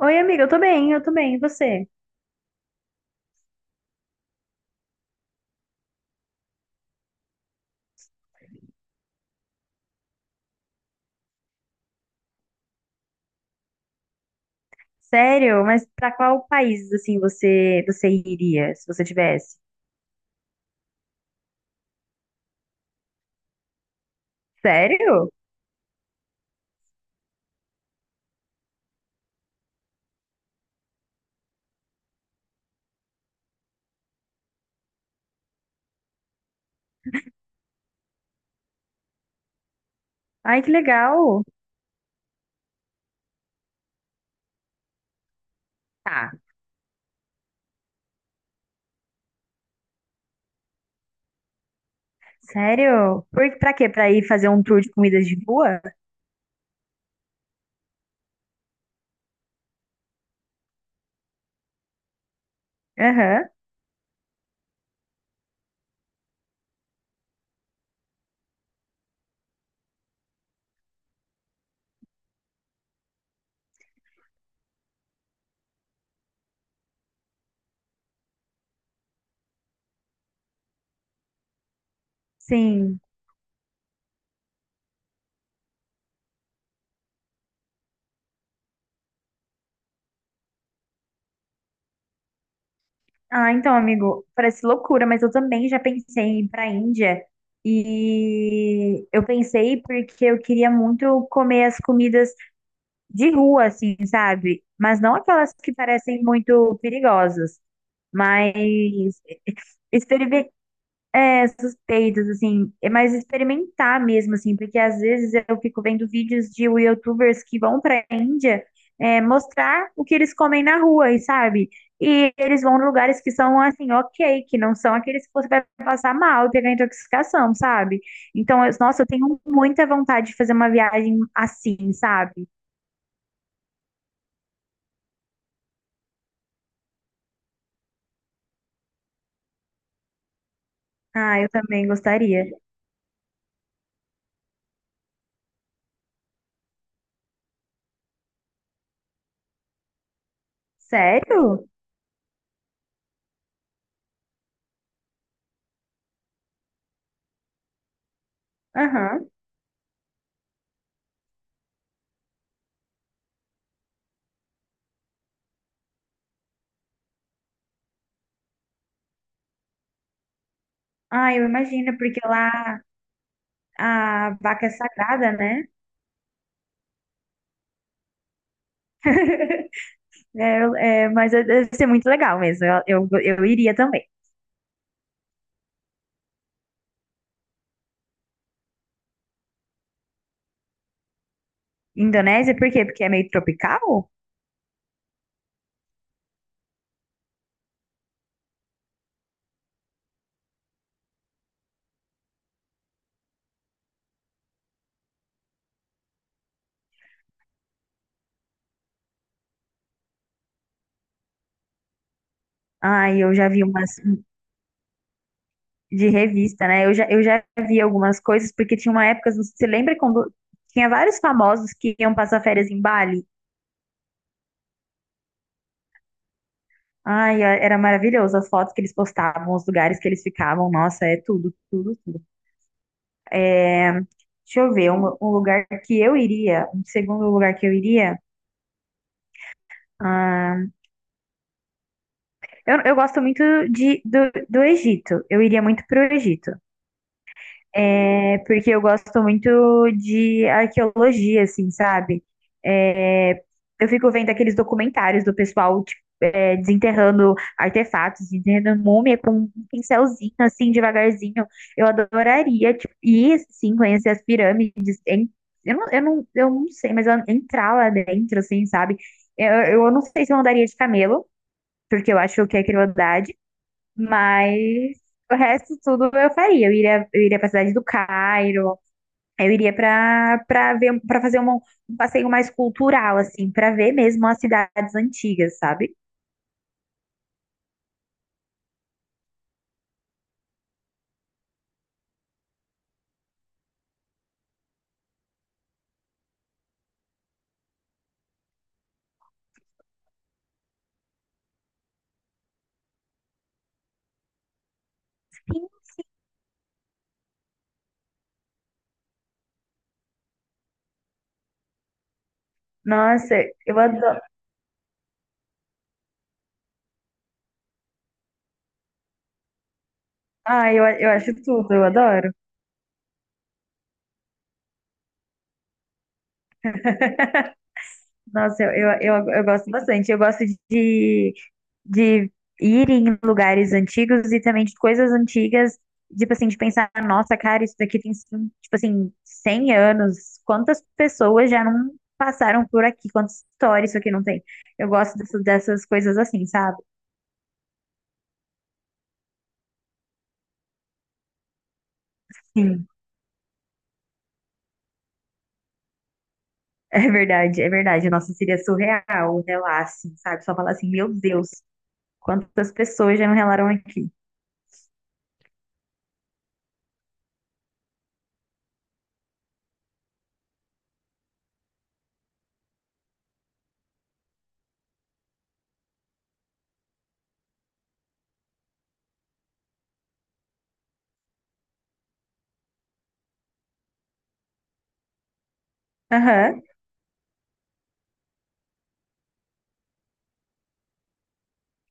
Oi, amiga, eu tô bem. E você? Sério? Mas pra qual país, assim, você iria, se você tivesse? Sério? Ai, que legal. Tá. Sério? Por, pra quê? Pra ir fazer um tour de comidas de rua? Aham, sim. Ah, então, amigo, parece loucura, mas eu também já pensei em ir pra Índia. E eu pensei porque eu queria muito comer as comidas de rua, assim, sabe? Mas não aquelas que parecem muito perigosas. Mas experimentar suspeitos, assim, é mais experimentar mesmo, assim, porque às vezes eu fico vendo vídeos de YouTubers que vão para a Índia mostrar o que eles comem na rua, e sabe? E eles vão em lugares que são assim, ok, que não são aqueles que você vai passar mal e pegar intoxicação, sabe? Então, nossa, eu tenho muita vontade de fazer uma viagem assim, sabe? Ah, eu também gostaria. Sério? Aham. Ah, eu imagino, porque lá a vaca é sagrada, né? É, é, deve ser muito legal mesmo. Eu iria também. Indonésia, por quê? Porque é meio tropical? Ai, eu já vi umas de revista, né? Eu já vi algumas coisas, porque tinha uma época, você lembra quando tinha vários famosos que iam passar férias em Bali? Ai, era maravilhoso as fotos que eles postavam, os lugares que eles ficavam. Nossa, é tudo, tudo, tudo. É, deixa eu ver, um lugar que eu iria, um segundo lugar que eu iria. Ah, eu gosto muito do Egito. Eu iria muito pro Egito. É, porque eu gosto muito de arqueologia, assim, sabe? Eu fico vendo aqueles documentários do pessoal, tipo, é, desenterrando artefatos, desenterrando múmia com um pincelzinho, assim, devagarzinho. Eu adoraria, tipo, ir, sim, conhecer as pirâmides. Eu não sei, mas entrar lá dentro, assim, sabe? Eu não sei se eu andaria de camelo, porque eu acho que é crueldade, mas o resto tudo eu faria. Eu iria pra cidade do Cairo. Aí eu iria para ver para fazer um passeio mais cultural assim, para ver mesmo as cidades antigas, sabe? Sim. Nossa, eu adoro. Ah, eu acho tudo, eu adoro. Nossa, eu gosto bastante. Eu gosto de, de ir em lugares antigos e também de coisas antigas, tipo assim, de pensar, nossa, cara, isso daqui tem, tipo assim, 100 anos. Quantas pessoas já não passaram por aqui? Quantas histórias isso aqui não tem? Eu gosto dessas coisas assim, sabe? Sim. É verdade, é verdade. Nossa, seria surreal um relar assim, sabe? Só falar assim, meu Deus, quantas pessoas já não relaram aqui. Aham,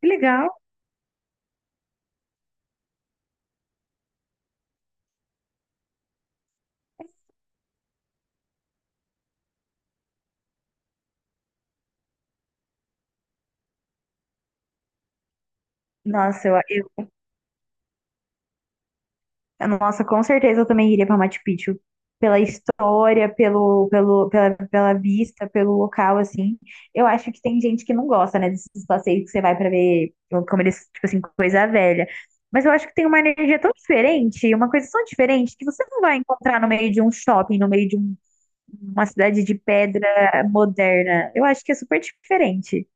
que legal. Nossa, nossa, com certeza eu também iria para Machu Picchu. Pela história, pela vista, pelo local, assim. Eu acho que tem gente que não gosta, né, desses passeios que você vai para ver, como eles, tipo assim, coisa velha. Mas eu acho que tem uma energia tão diferente, uma coisa tão diferente, que você não vai encontrar no meio de um shopping, no meio de um... Uma cidade de pedra moderna. Eu acho que é super diferente.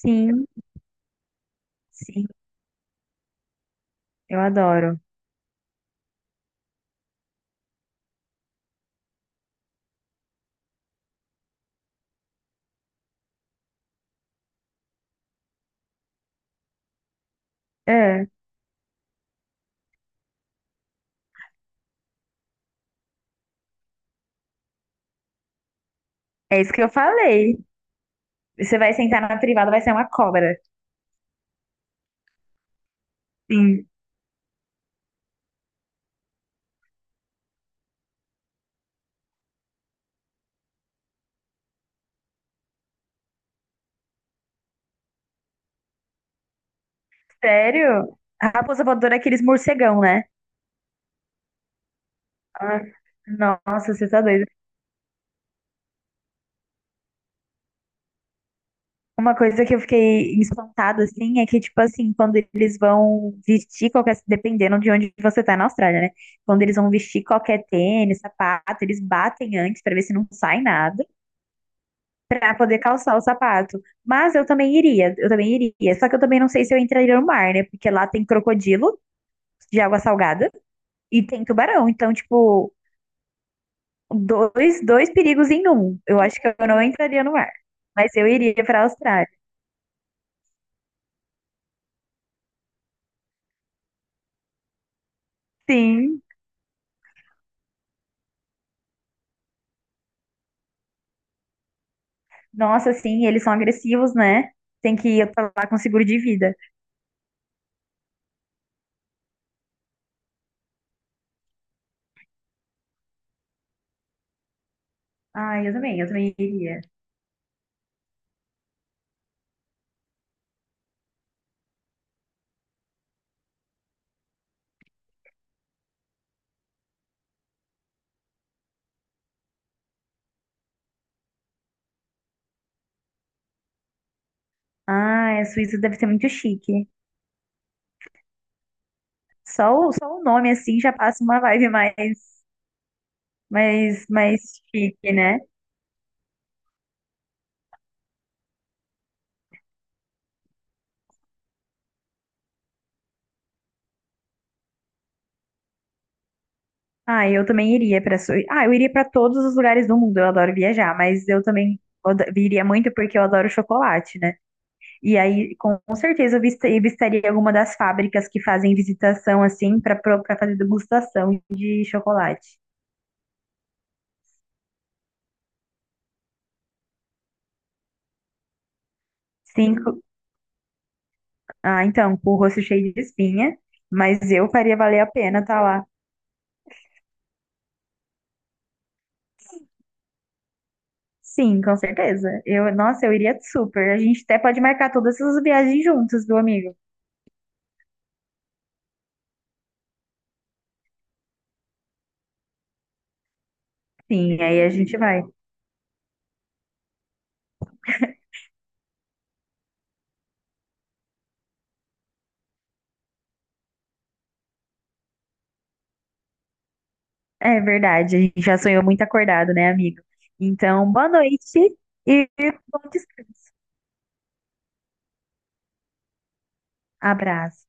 Sim, sim, eu adoro. É, é isso que eu falei. Você vai sentar na privada, vai ser uma cobra. Sim, sério? A raposa voadora é aqueles morcegão, né? Ah, nossa, você tá doido. Uma coisa que eu fiquei espantada, assim, é que, tipo assim, quando eles vão vestir qualquer... Dependendo de onde você tá na Austrália, né? Quando eles vão vestir qualquer tênis, sapato, eles batem antes pra ver se não sai nada, para poder calçar o sapato. Mas eu também iria. Só que eu também não sei se eu entraria no mar, né? Porque lá tem crocodilo de água salgada e tem tubarão. Então, tipo, dois perigos em um. Eu acho que eu não entraria no mar. Mas eu iria para a Austrália. Sim. Nossa, sim, eles são agressivos, né? Tem que ir pra lá com seguro de vida. Ah, eu também iria. Ah, a Suíça deve ser muito chique. Só o nome, assim, já passa uma vibe mais, mais chique, né? Ah, eu também iria para... Ah, eu iria para todos os lugares do mundo. Eu adoro viajar, mas eu também iria muito porque eu adoro chocolate, né? E aí, com certeza, eu eu visitaria alguma das fábricas que fazem visitação assim para fazer degustação de chocolate. Cinco. Ah, então, com o rosto cheio de espinha, mas eu faria valer a pena estar lá. Sim, com certeza. Eu, nossa, eu iria super. A gente até pode marcar todas essas viagens juntos, do amigo. Sim, aí a gente vai. É verdade, a gente já sonhou muito acordado, né, amigo? Então, boa noite e bom descanso. Abraço.